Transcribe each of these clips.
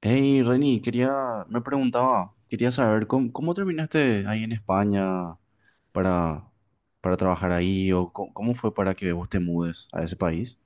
Hey, Reni, me preguntaba, quería saber cómo terminaste ahí en España para, para trabajar ahí o cómo fue para que vos te mudes a ese país.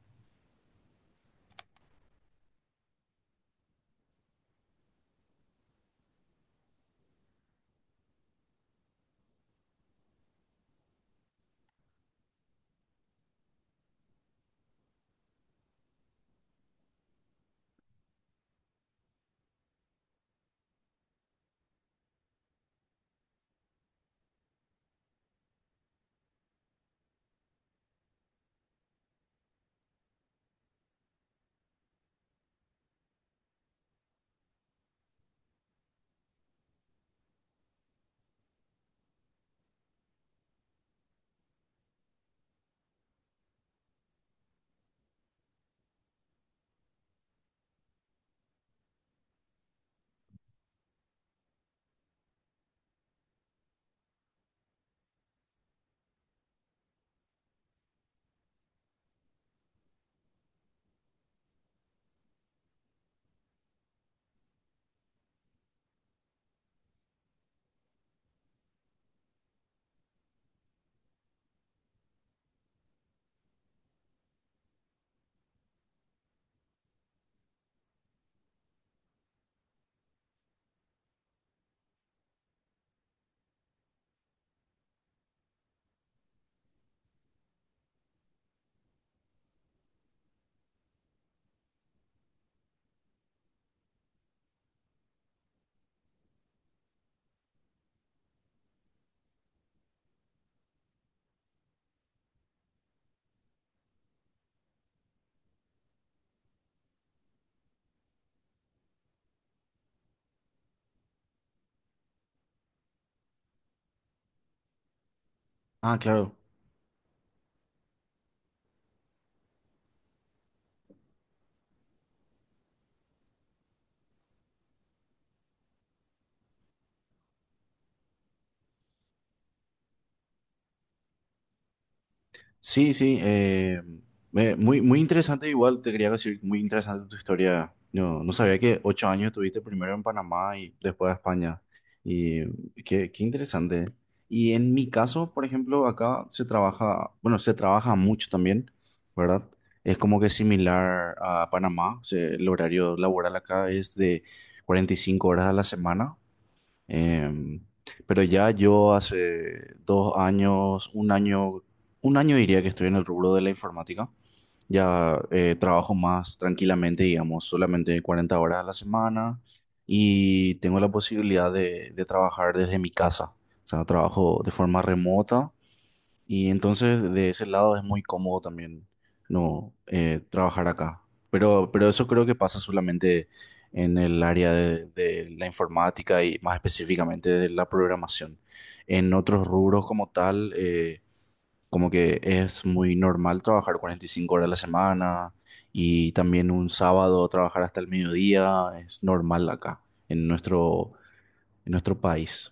Ah, claro. Sí, sí, muy, muy interesante igual, te quería decir, muy interesante tu historia. No, no sabía que ocho años estuviste primero en Panamá y después a España. Y qué interesante. Y en mi caso, por ejemplo, acá se trabaja, bueno, se trabaja mucho también, ¿verdad? Es como que similar a Panamá, o sea, el horario laboral acá es de 45 horas a la semana. Em, pero ya yo hace un año diría que estoy en el rubro de la informática. Ya trabajo más tranquilamente, digamos, solamente 40 horas a la semana y tengo la posibilidad de trabajar desde mi casa. O sea, trabajo de forma remota y entonces de ese lado es muy cómodo también no trabajar acá. Pero eso creo que pasa solamente en el área de la informática y más específicamente de la programación. En otros rubros como tal, como que es muy normal trabajar 45 horas a la semana y también un sábado trabajar hasta el mediodía, es normal acá en en nuestro país.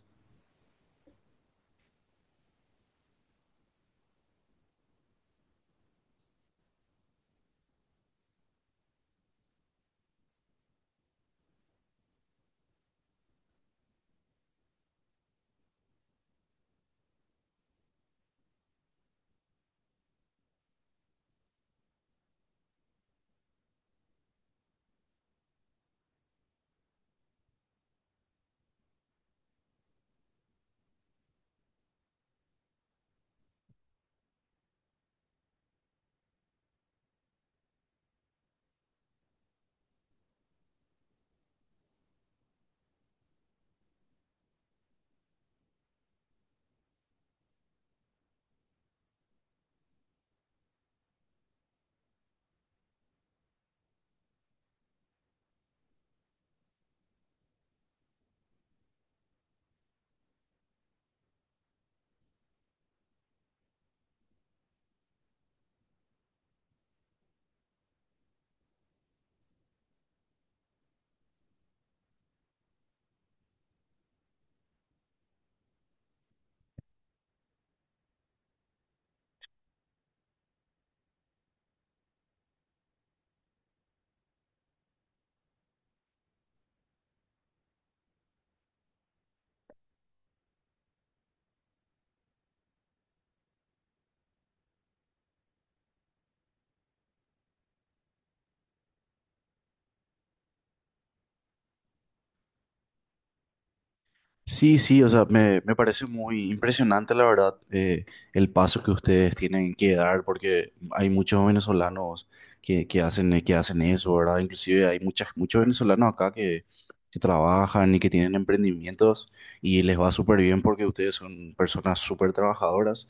Sí, sí, o sea, me parece muy impresionante, la verdad, el paso que ustedes tienen que dar, porque hay muchos venezolanos que hacen eso, ¿verdad? Inclusive hay muchas, muchos venezolanos acá que trabajan y que tienen emprendimientos y les va súper bien porque ustedes son personas súper trabajadoras.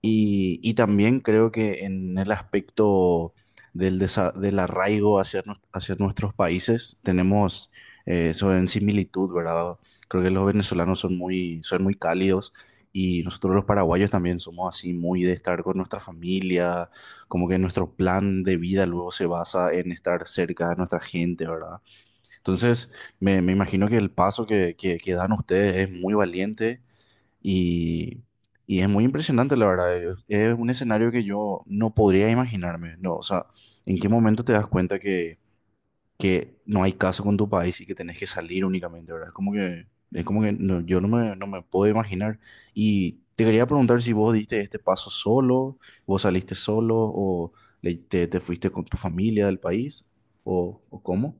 Y también creo que en el aspecto del arraigo hacia nuestros países, tenemos eso en similitud, ¿verdad? Creo que los venezolanos son muy cálidos y nosotros los paraguayos también somos así muy de estar con nuestra familia, como que nuestro plan de vida luego se basa en estar cerca de nuestra gente, ¿verdad? Entonces, me imagino que el paso que dan ustedes es muy valiente y, y es muy impresionante, la verdad. Es un escenario que yo no podría imaginarme, ¿no? O sea, ¿en qué momento te das cuenta que no hay caso con tu país y que tenés que salir únicamente, ¿verdad? Es como que yo no no me puedo imaginar. Y te quería preguntar si vos diste este paso solo, vos saliste solo o te fuiste con tu familia del país o cómo.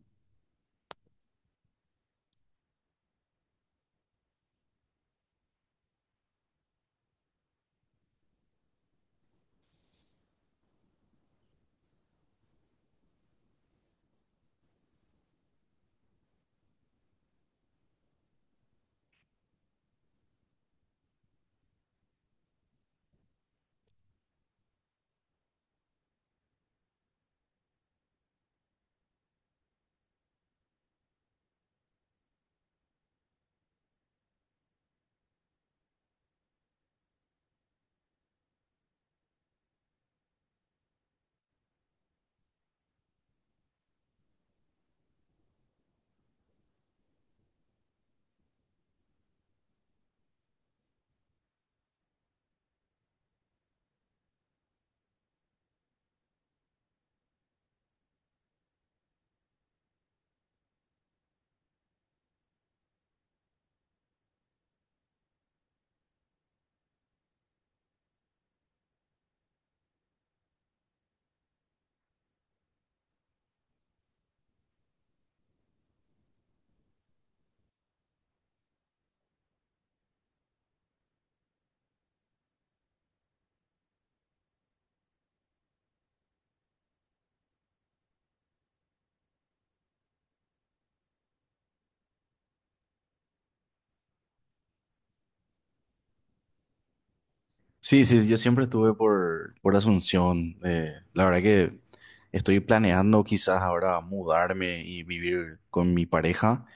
Sí, sí, sí, yo siempre estuve por Asunción. La verdad que estoy planeando quizás ahora mudarme y vivir con mi pareja,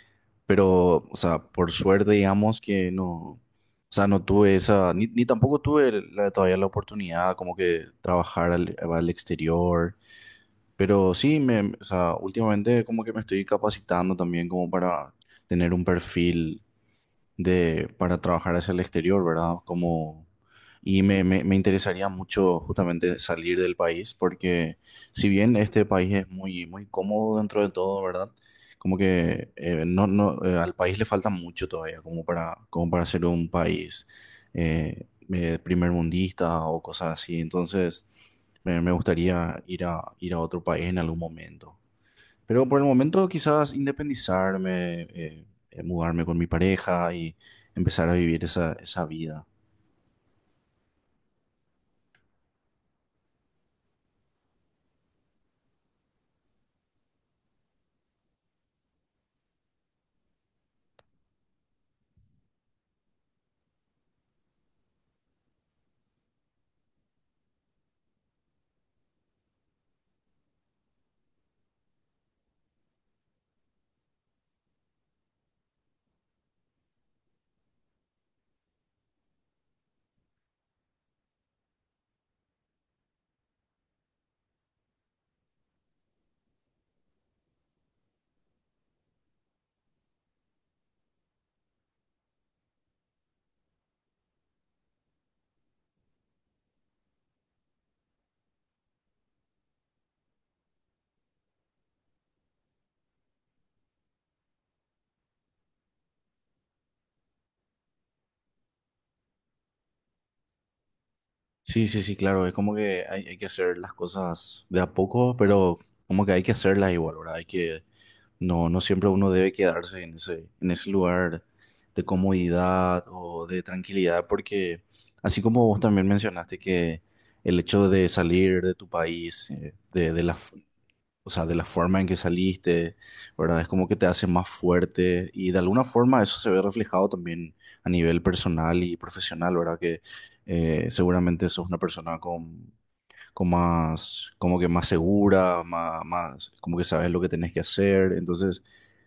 pero, o sea, por suerte digamos que no, o sea, no tuve esa, ni tampoco tuve todavía la oportunidad como que trabajar al exterior, pero sí, o sea, últimamente como que me estoy capacitando también como para tener un perfil para trabajar hacia el exterior, ¿verdad? Como, y me interesaría mucho justamente salir del país, porque si bien este país es muy, muy cómodo dentro de todo, ¿verdad? Como que no, no, al país le falta mucho todavía, como para, como para ser un país primermundista o cosas así. Entonces, me gustaría ir ir a otro país en algún momento. Pero por el momento quizás independizarme, mudarme con mi pareja y empezar a vivir esa, esa vida. Sí, sí, sí, claro, es como que hay que hacer las cosas de a poco, pero como que hay que hacerlas igual, ¿verdad? Hay que, no, no siempre uno debe quedarse en ese lugar de comodidad o de tranquilidad, porque así como vos también mencionaste que el hecho de salir de tu país, de la, o sea, de la forma en que saliste, ¿verdad? Es como que te hace más fuerte y de alguna forma eso se ve reflejado también a nivel personal y profesional, ¿verdad? Que seguramente sos una persona con más, como que más segura, más, más, como que sabes lo que tenés que hacer, entonces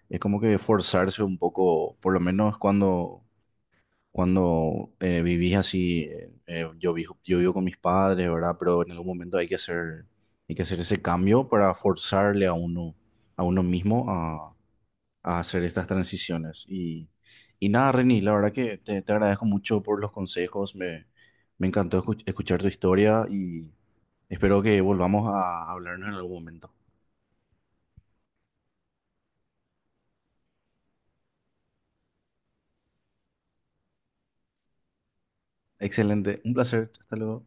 es como que forzarse un poco, por lo menos cuando vivís así, yo vivo con mis padres, ¿verdad? Pero en algún momento hay que hacer ese cambio para forzarle a uno mismo a hacer estas transiciones. Y nada, Reni, la verdad que te agradezco mucho por los consejos, me encantó escuchar tu historia y espero que volvamos a hablarnos en algún momento. Excelente, un placer, hasta luego.